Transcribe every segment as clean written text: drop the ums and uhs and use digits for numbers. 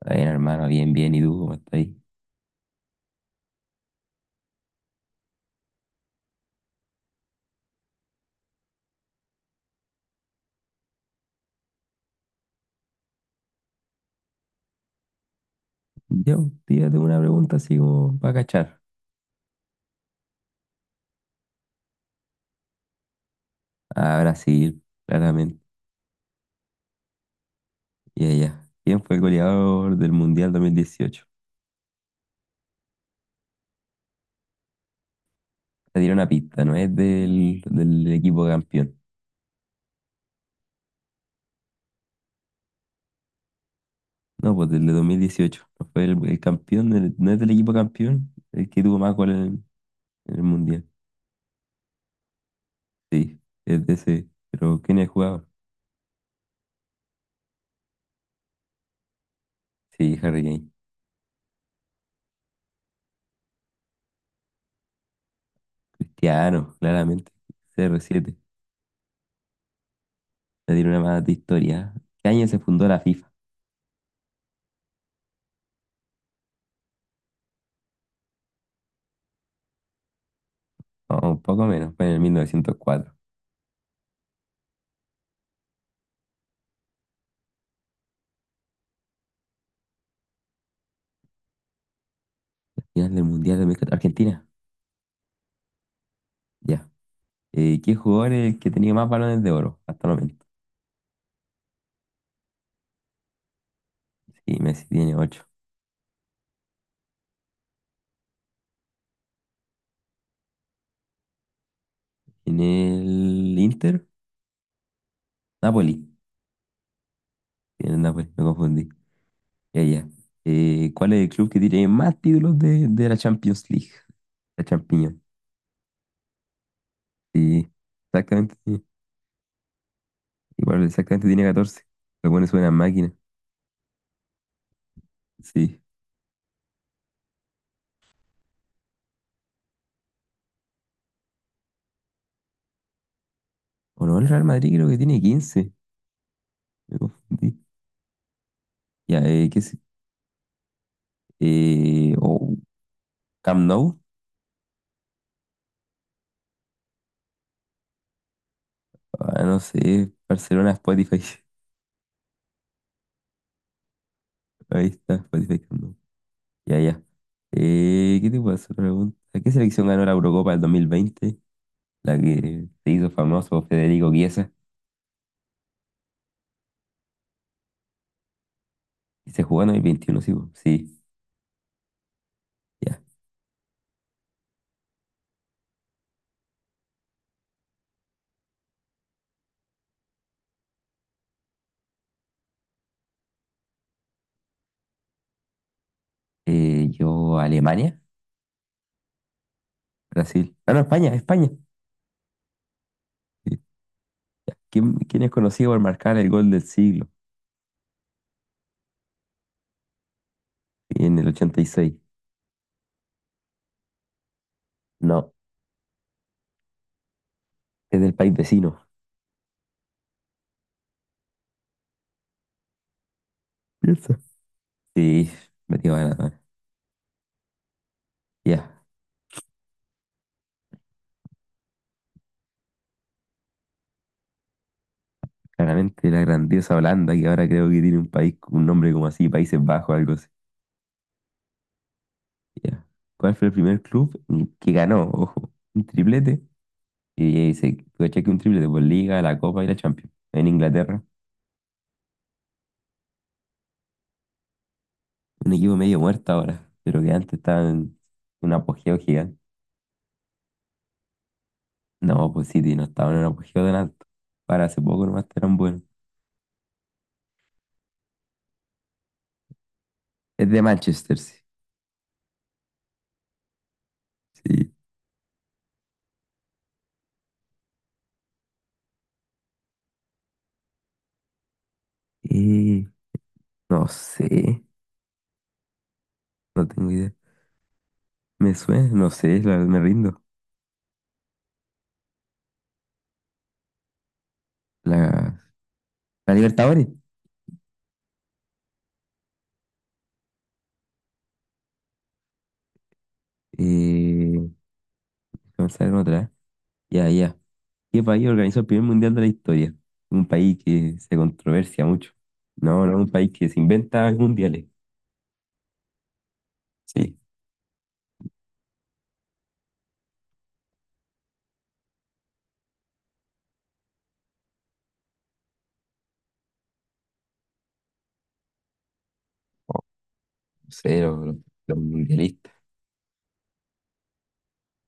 Está bien, hermano, bien, bien. ¿Y tú cómo estás ahí? Yo, tírate una pregunta así como para cachar. A Brasil, claramente. Y allá. ¿Quién fue el goleador del Mundial 2018? Te dieron una pista, no es del equipo campeón. No, pues del de 2018, no fue el campeón, no es del equipo campeón, el que tuvo más goles en el Mundial. Sí, es de ese. Pero ¿quién es el jugador? Sí, Harry Kane. Cristiano, claramente. Cero siete. Te dieron una más de historia. ¿Qué año se fundó la o un poco menos? Fue en el 1904. Final del Mundial de dos mil Argentina, ya. ¿Qué jugador es el que tenía más balones de oro hasta el momento? Sí, Messi tiene ocho. ¿En el Inter? Napoli. Tiene el Napoli, me confundí. Ya, ya. ¿Cuál es el club que tiene más títulos de la Champions League? La Champions. Sí, exactamente. Sí. Igual, exactamente tiene 14. Lo pone suena máquina. Sí. O no, el Real Madrid creo que tiene 15. Me confundí. Ya, ¿qué es? O Camp Nou. Ah, no sé, Barcelona, Spotify. Ahí está, Spotify. No. Ya, ya. ¿Qué te puedo hacer pregunta? ¿Qué selección ganó la Eurocopa del 2020? La que se hizo famoso Federico Chiesa. Y se jugó en el 21, sí po. Sí, ya. Yo, Alemania, Brasil. Ah, no, España, España. Sí. ¿Quién es conocido por marcar el gol del siglo, en el 86? No, es del país vecino. Piensa. Sí, me a ganar. Ya. Claramente la grandiosa Holanda, que ahora creo que tiene un país, un nombre como así, Países Bajos, algo así. Ya. ¿Cuál fue el primer club que ganó? Ojo, un triplete. Y ahí dice, coche que un triplete por Liga, la Copa y la Champions. En Inglaterra. Un equipo medio muerto ahora, pero que antes estaba en un apogeo gigante. No, pues City no estaba en un apogeo tan alto. Para hace poco nomás eran buenos. Es de Manchester, sí. Sí. Y no sé, no tengo idea. Me suena, no sé, me rindo. La, la Libertadores. Eh, Vamos a ver otra. Ya, ya. ¿Qué país organizó el primer mundial de la historia? Un país que se controversia mucho. No, no, un país que se inventa mundiales. Sí. Oh, no sé, los mundialistas.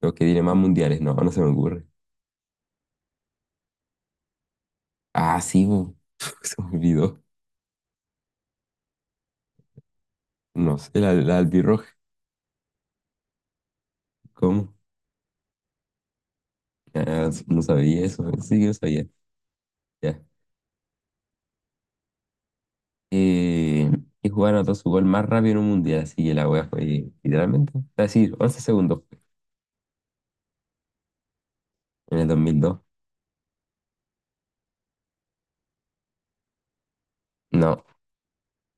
Los que tienen más mundiales. No, no se me ocurre. Ah, sí, bo. Se me olvidó. No sé, la albirroja. ¿Cómo? Ah, no sabía eso. Sí que lo sabía. Ya. Eh, y jugaron anotó su gol más rápido en un mundial. Así que la wea fue literalmente. Es decir, 11 segundos, en el 2002. No.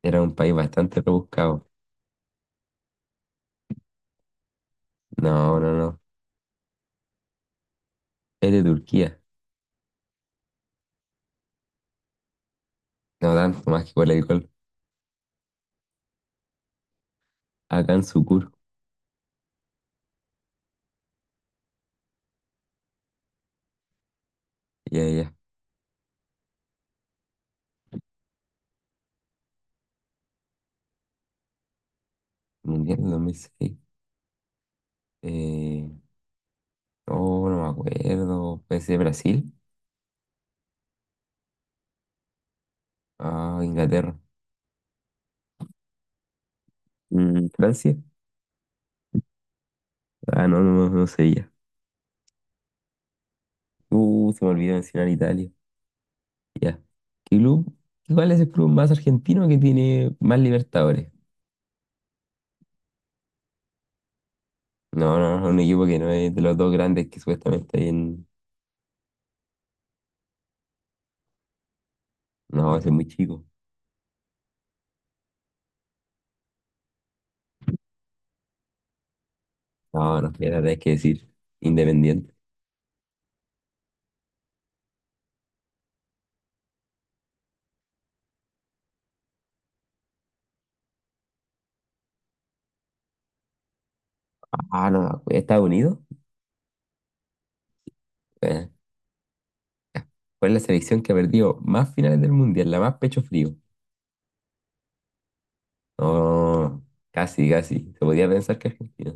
Era un país bastante rebuscado. No, no, no. Es de Turquía. No tanto más que por el alcohol. Acá en Sucur. Ya, ya. Ya. Mundial del 2006. Eh, oh, no me acuerdo. ¿Puede ser Brasil? Ah, Inglaterra. ¿Francia? Ah, no, no, no, no sería. Se me olvidó mencionar Italia. Ya. ¿Qué club? ¿Cuál es el club más argentino que tiene más Libertadores? No, no, no, un equipo que no es de los dos grandes que supuestamente hay en... No, ese es muy chico. No, no, la verdad es que decir. Independiente. Ah, no, Estados Unidos. eh, Fue la selección que ha perdido más finales del mundial, la más pecho frío. No, casi, casi. Se podía pensar que Argentina.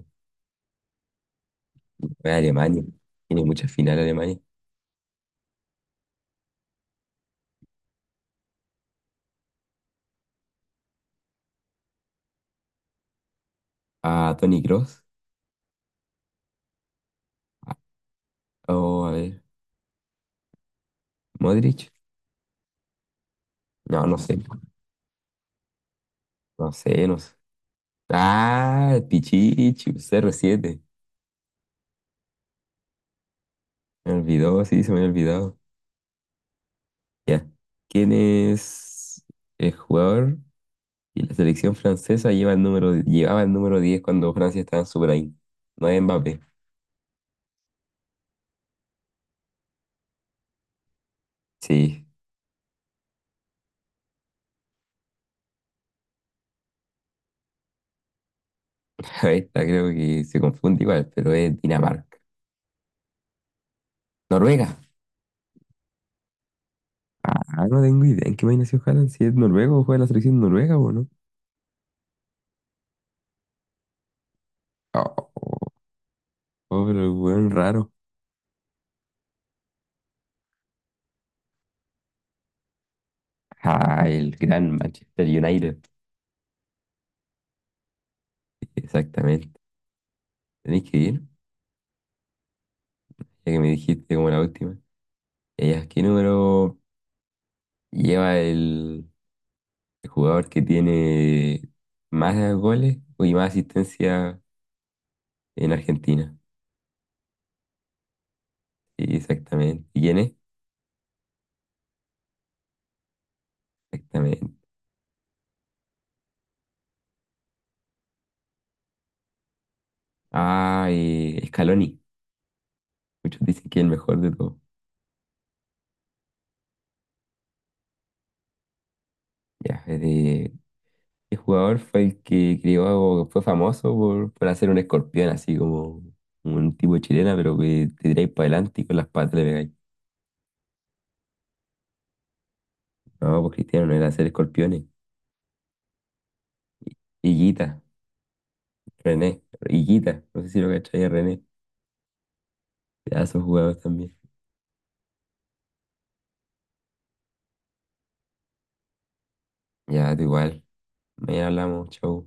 Fue Alemania. Tiene muchas finales Alemania. Ah, Toni Kroos. O, a ver, Modric. No, no sé. No sé, no sé. Ah, Pichichi, 07. Me olvidó, sí, se me había olvidado. Ya. ¿Quién es el jugador? Y la selección francesa lleva el número, llevaba el número 10 cuando Francia estaba en su prime. No es Mbappé. Sí, esta creo que se confunde igual, pero es Dinamarca. Noruega. Ah, no tengo idea en qué país nació Haaland, si es noruego juega en la selección noruega o no. Oh, oh, oh, pero el weón raro. Ah, el gran Manchester United. Exactamente. Tenéis que ir, ya que me dijiste como la última. ¿Qué número lleva el jugador que tiene más goles y más asistencia en Argentina? Sí, exactamente. ¿Y quién es? Exactamente. Ah, Scaloni. Muchos dicen que es el mejor de todos. Ya, ¿qué jugador fue el que creó, fue famoso por hacer un escorpión así como un tipo de chilena, pero que te tiráis para adelante y con las patas le pegáis? No, pues Cristiano no era hacer escorpiones. Higuita, René, Higuita, no sé si lo cachai a René. Pedazo de jugador también. Ya, da igual. Mañana hablamos, chau.